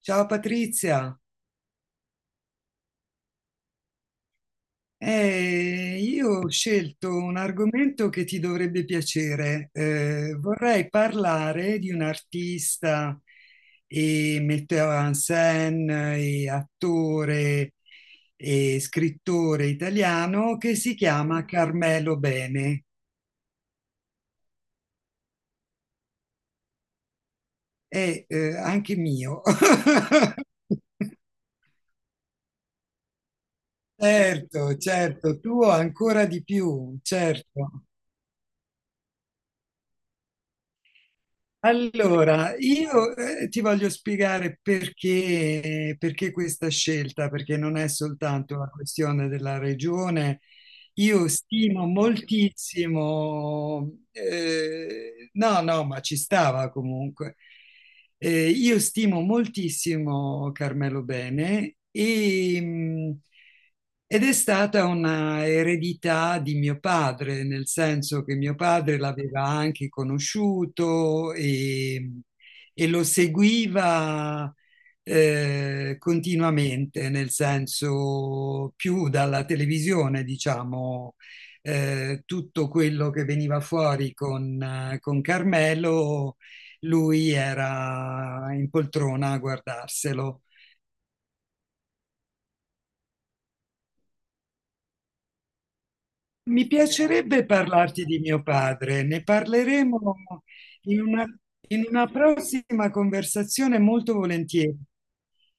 Ciao Patrizia. Io ho scelto un argomento che ti dovrebbe piacere. Vorrei parlare di un artista e metteur en scène e attore e scrittore italiano che si chiama Carmelo Bene. È anche mio. Certo, certo, tuo ancora di più, certo. Allora, io ti voglio spiegare perché, questa scelta, perché non è soltanto una questione della regione, io stimo moltissimo, no, no, ma ci stava comunque. Io stimo moltissimo Carmelo Bene e, ed è stata una eredità di mio padre, nel senso che mio padre l'aveva anche conosciuto e, lo seguiva continuamente, nel senso più dalla televisione, diciamo, tutto quello che veniva fuori con, Carmelo, lui era in poltrona a guardarselo. Mi piacerebbe parlarti di mio padre, ne parleremo in una, prossima conversazione molto volentieri.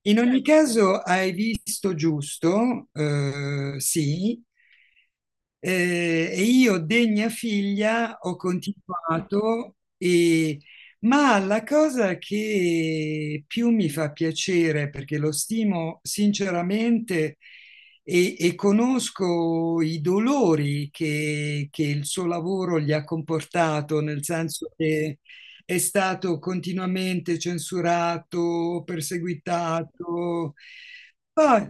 In ogni caso, hai visto giusto, sì, e io, degna figlia, ho continuato e ma la cosa che più mi fa piacere, perché lo stimo sinceramente e, conosco i dolori che, il suo lavoro gli ha comportato, nel senso che è stato continuamente censurato, perseguitato. Poi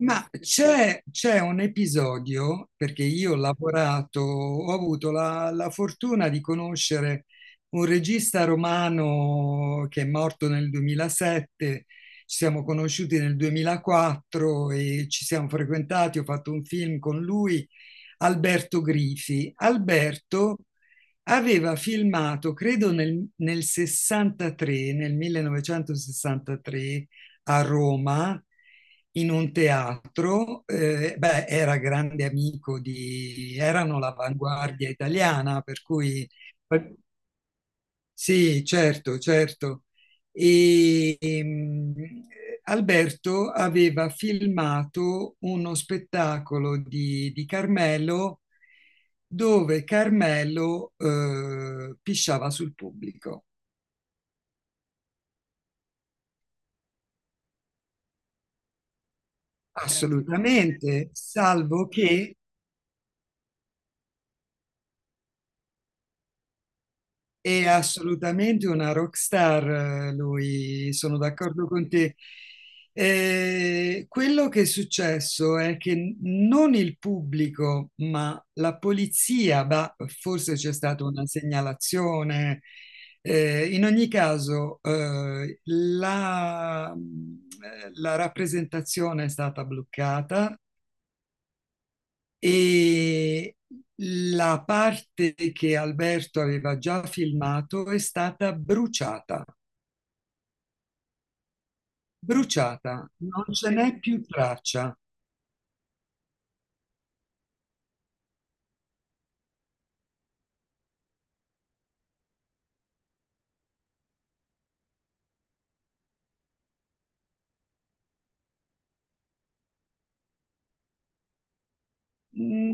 Ma c'è un episodio, perché io ho lavorato, ho avuto la, fortuna di conoscere un regista romano che è morto nel 2007, ci siamo conosciuti nel 2004 e ci siamo frequentati, ho fatto un film con lui, Alberto Grifi. Alberto aveva filmato, credo nel, 63, nel 1963, a Roma, in un teatro. Beh, era grande amico erano l'avanguardia italiana, per cui sì, certo, certo. E, Alberto aveva filmato uno spettacolo di, Carmelo, dove Carmelo pisciava sul pubblico. Grazie. Assolutamente, salvo che. È assolutamente una rockstar, lui, sono d'accordo con te. Quello che è successo è che non il pubblico, ma la polizia, bah, forse c'è stata una segnalazione. In ogni caso, la rappresentazione è stata bloccata e la parte che Alberto aveva già filmato è stata bruciata, bruciata, non ce n'è più traccia.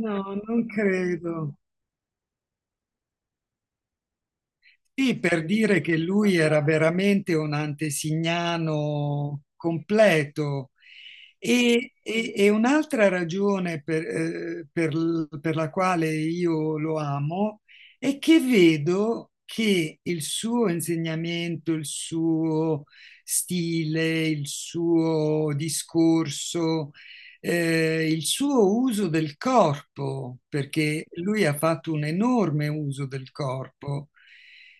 No, non credo. Sì, per dire che lui era veramente un antesignano completo. E un'altra ragione per la quale io lo amo è che vedo che il suo insegnamento, il suo stile, il suo discorso, il suo uso del corpo, perché lui ha fatto un enorme uso del corpo,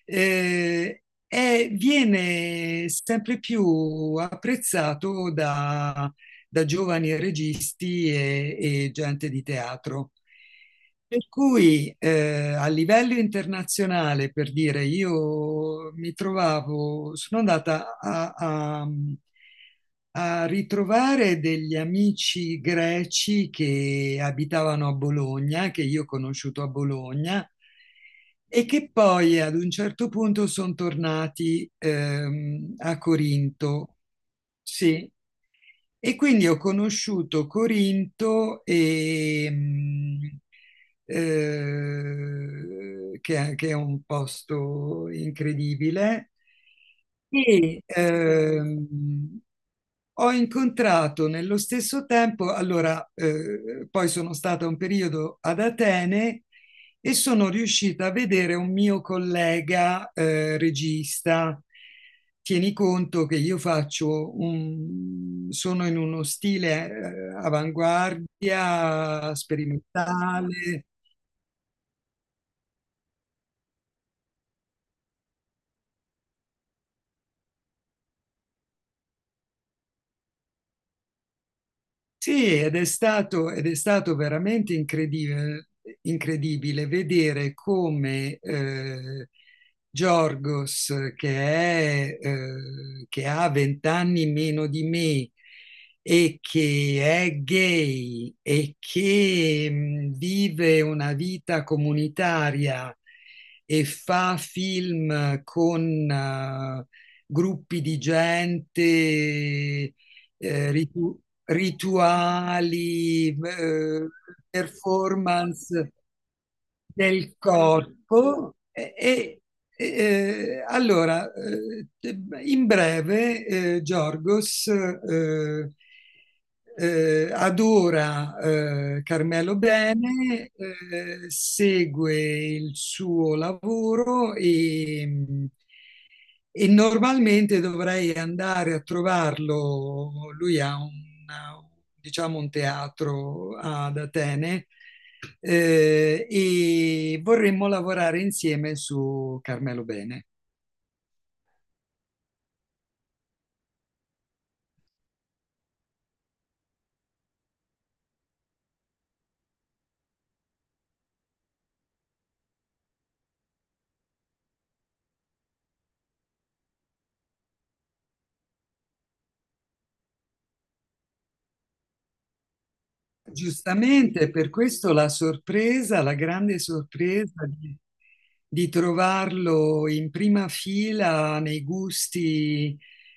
viene sempre più apprezzato da giovani registi e, gente di teatro. Per cui, a livello internazionale, per dire, io mi trovavo, sono andata a, ritrovare degli amici greci che abitavano a Bologna, che io ho conosciuto a Bologna, e che poi ad un certo punto sono tornati a Corinto. Sì, e quindi ho conosciuto Corinto, e che è un posto incredibile, e ho incontrato nello stesso tempo, allora, poi sono stata un periodo ad Atene e sono riuscita a vedere un mio collega, regista. Tieni conto che io sono in uno stile, avanguardia, sperimentale. Sì, ed è stato veramente incredibile, incredibile vedere come, Giorgos, che ha vent'anni meno di me e che è gay e che vive una vita comunitaria e fa film con gruppi di gente, eh, ritu- rituali, performance del corpo e, allora, in breve, Giorgos, adora, Carmelo Bene, segue il suo lavoro e, normalmente dovrei andare a trovarlo. Lui ha un, diciamo, un teatro ad Atene, e vorremmo lavorare insieme su Carmelo Bene. Giustamente, per questo la sorpresa, la grande sorpresa di, trovarlo in prima fila nei gusti,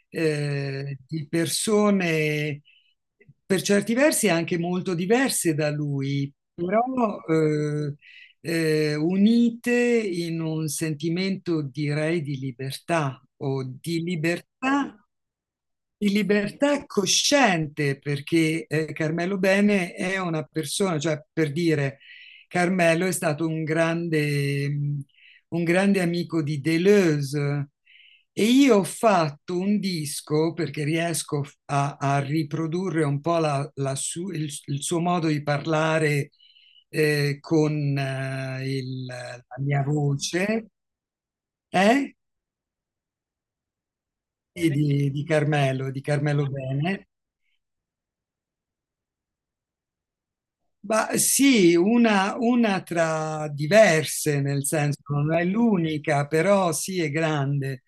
di persone per certi versi anche molto diverse da lui, però, unite in un sentimento, direi, di libertà o di libertà cosciente, perché, Carmelo Bene è una persona, cioè per dire, Carmelo è stato un grande, un grande amico di Deleuze, e io ho fatto un disco, perché riesco a, riprodurre un po' il suo modo di parlare, con la mia voce, eh? E di Carmelo, di Carmelo Bene. Ma sì, una, tra diverse, nel senso non è l'unica, però sì è grande.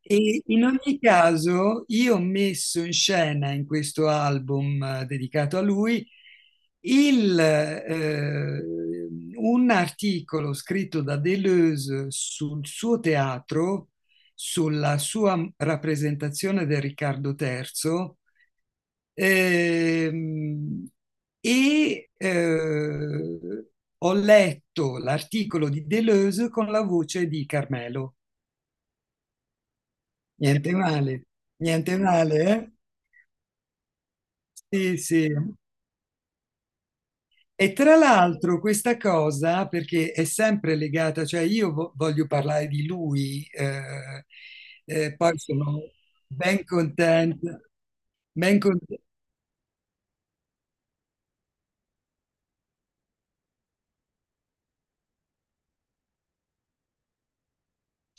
E in ogni caso io ho messo in scena in questo album, dedicato a lui, il, eh, un articolo scritto da Deleuze sul suo teatro, sulla sua rappresentazione del Riccardo III. Ehm, e ho letto l'articolo di Deleuze con la voce di Carmelo. Niente male, niente male, eh? Sì, sì. E tra l'altro questa cosa, perché è sempre legata, cioè io voglio parlare di lui, poi sono ben contenta, ben contenta,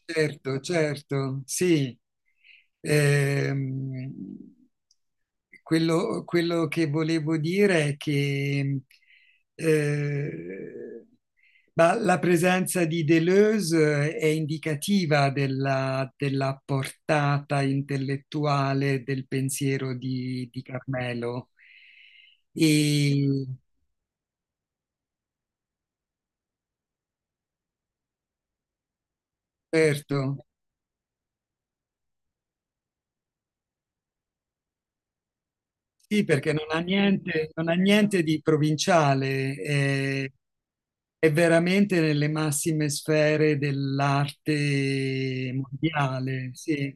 certo, certo, sì. Ehm, Quello che volevo dire è che, eh, ma la presenza di Deleuze, è indicativa della, portata intellettuale del pensiero di, Carmelo. E certo, sì, perché non ha niente, non ha niente di provinciale, è, veramente nelle massime sfere dell'arte mondiale. Sì,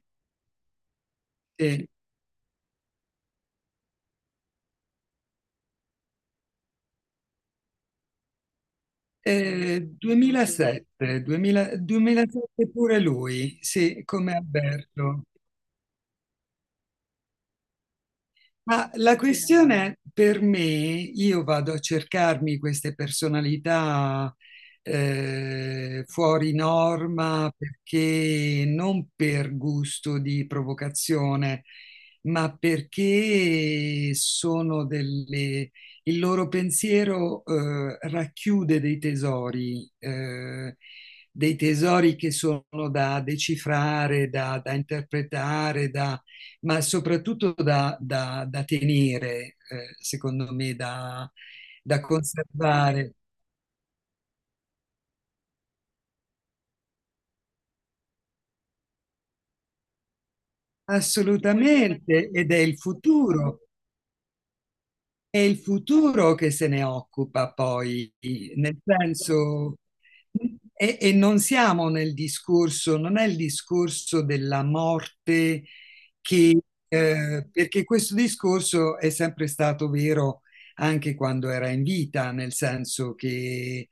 sì. 2007 pure lui, sì, come Alberto. Ma la questione per me, io vado a cercarmi queste personalità, fuori norma perché non per gusto di provocazione, ma perché sono delle... Il loro pensiero, racchiude dei tesori che sono da decifrare, da, interpretare, da ma soprattutto da tenere, secondo me, da, conservare. Assolutamente, ed è il futuro. È il futuro che se ne occupa poi, nel senso, e, non siamo nel discorso, non è il discorso della morte che, perché questo discorso è sempre stato vero anche quando era in vita, nel senso che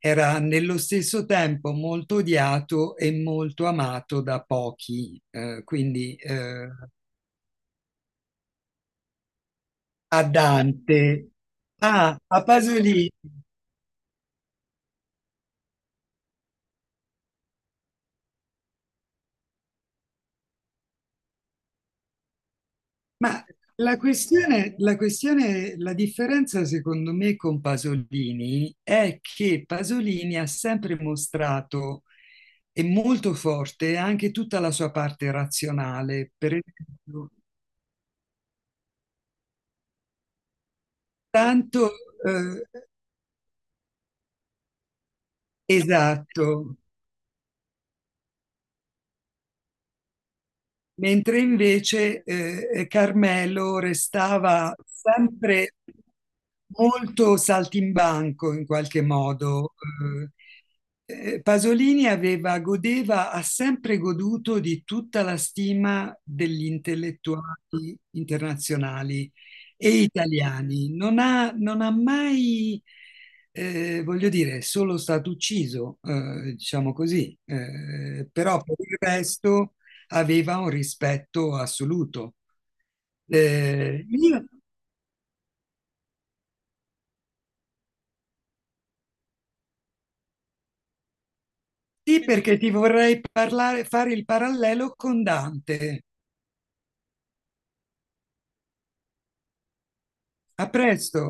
era nello stesso tempo molto odiato e molto amato da pochi, quindi, a Dante. Ah, a Pasolini. Ma la differenza secondo me con Pasolini è che Pasolini ha sempre mostrato e molto forte anche tutta la sua parte razionale, per esempio, tanto, eh, esatto, mentre invece, Carmelo restava sempre molto saltimbanco in qualche modo. Pasolini aveva, godeva, ha sempre goduto di tutta la stima degli intellettuali internazionali e italiani. Non ha mai, voglio dire, è solo stato ucciso, diciamo così, però per il resto aveva un rispetto assoluto. Eh, io- sì, perché ti vorrei parlare, fare il parallelo con Dante. A presto.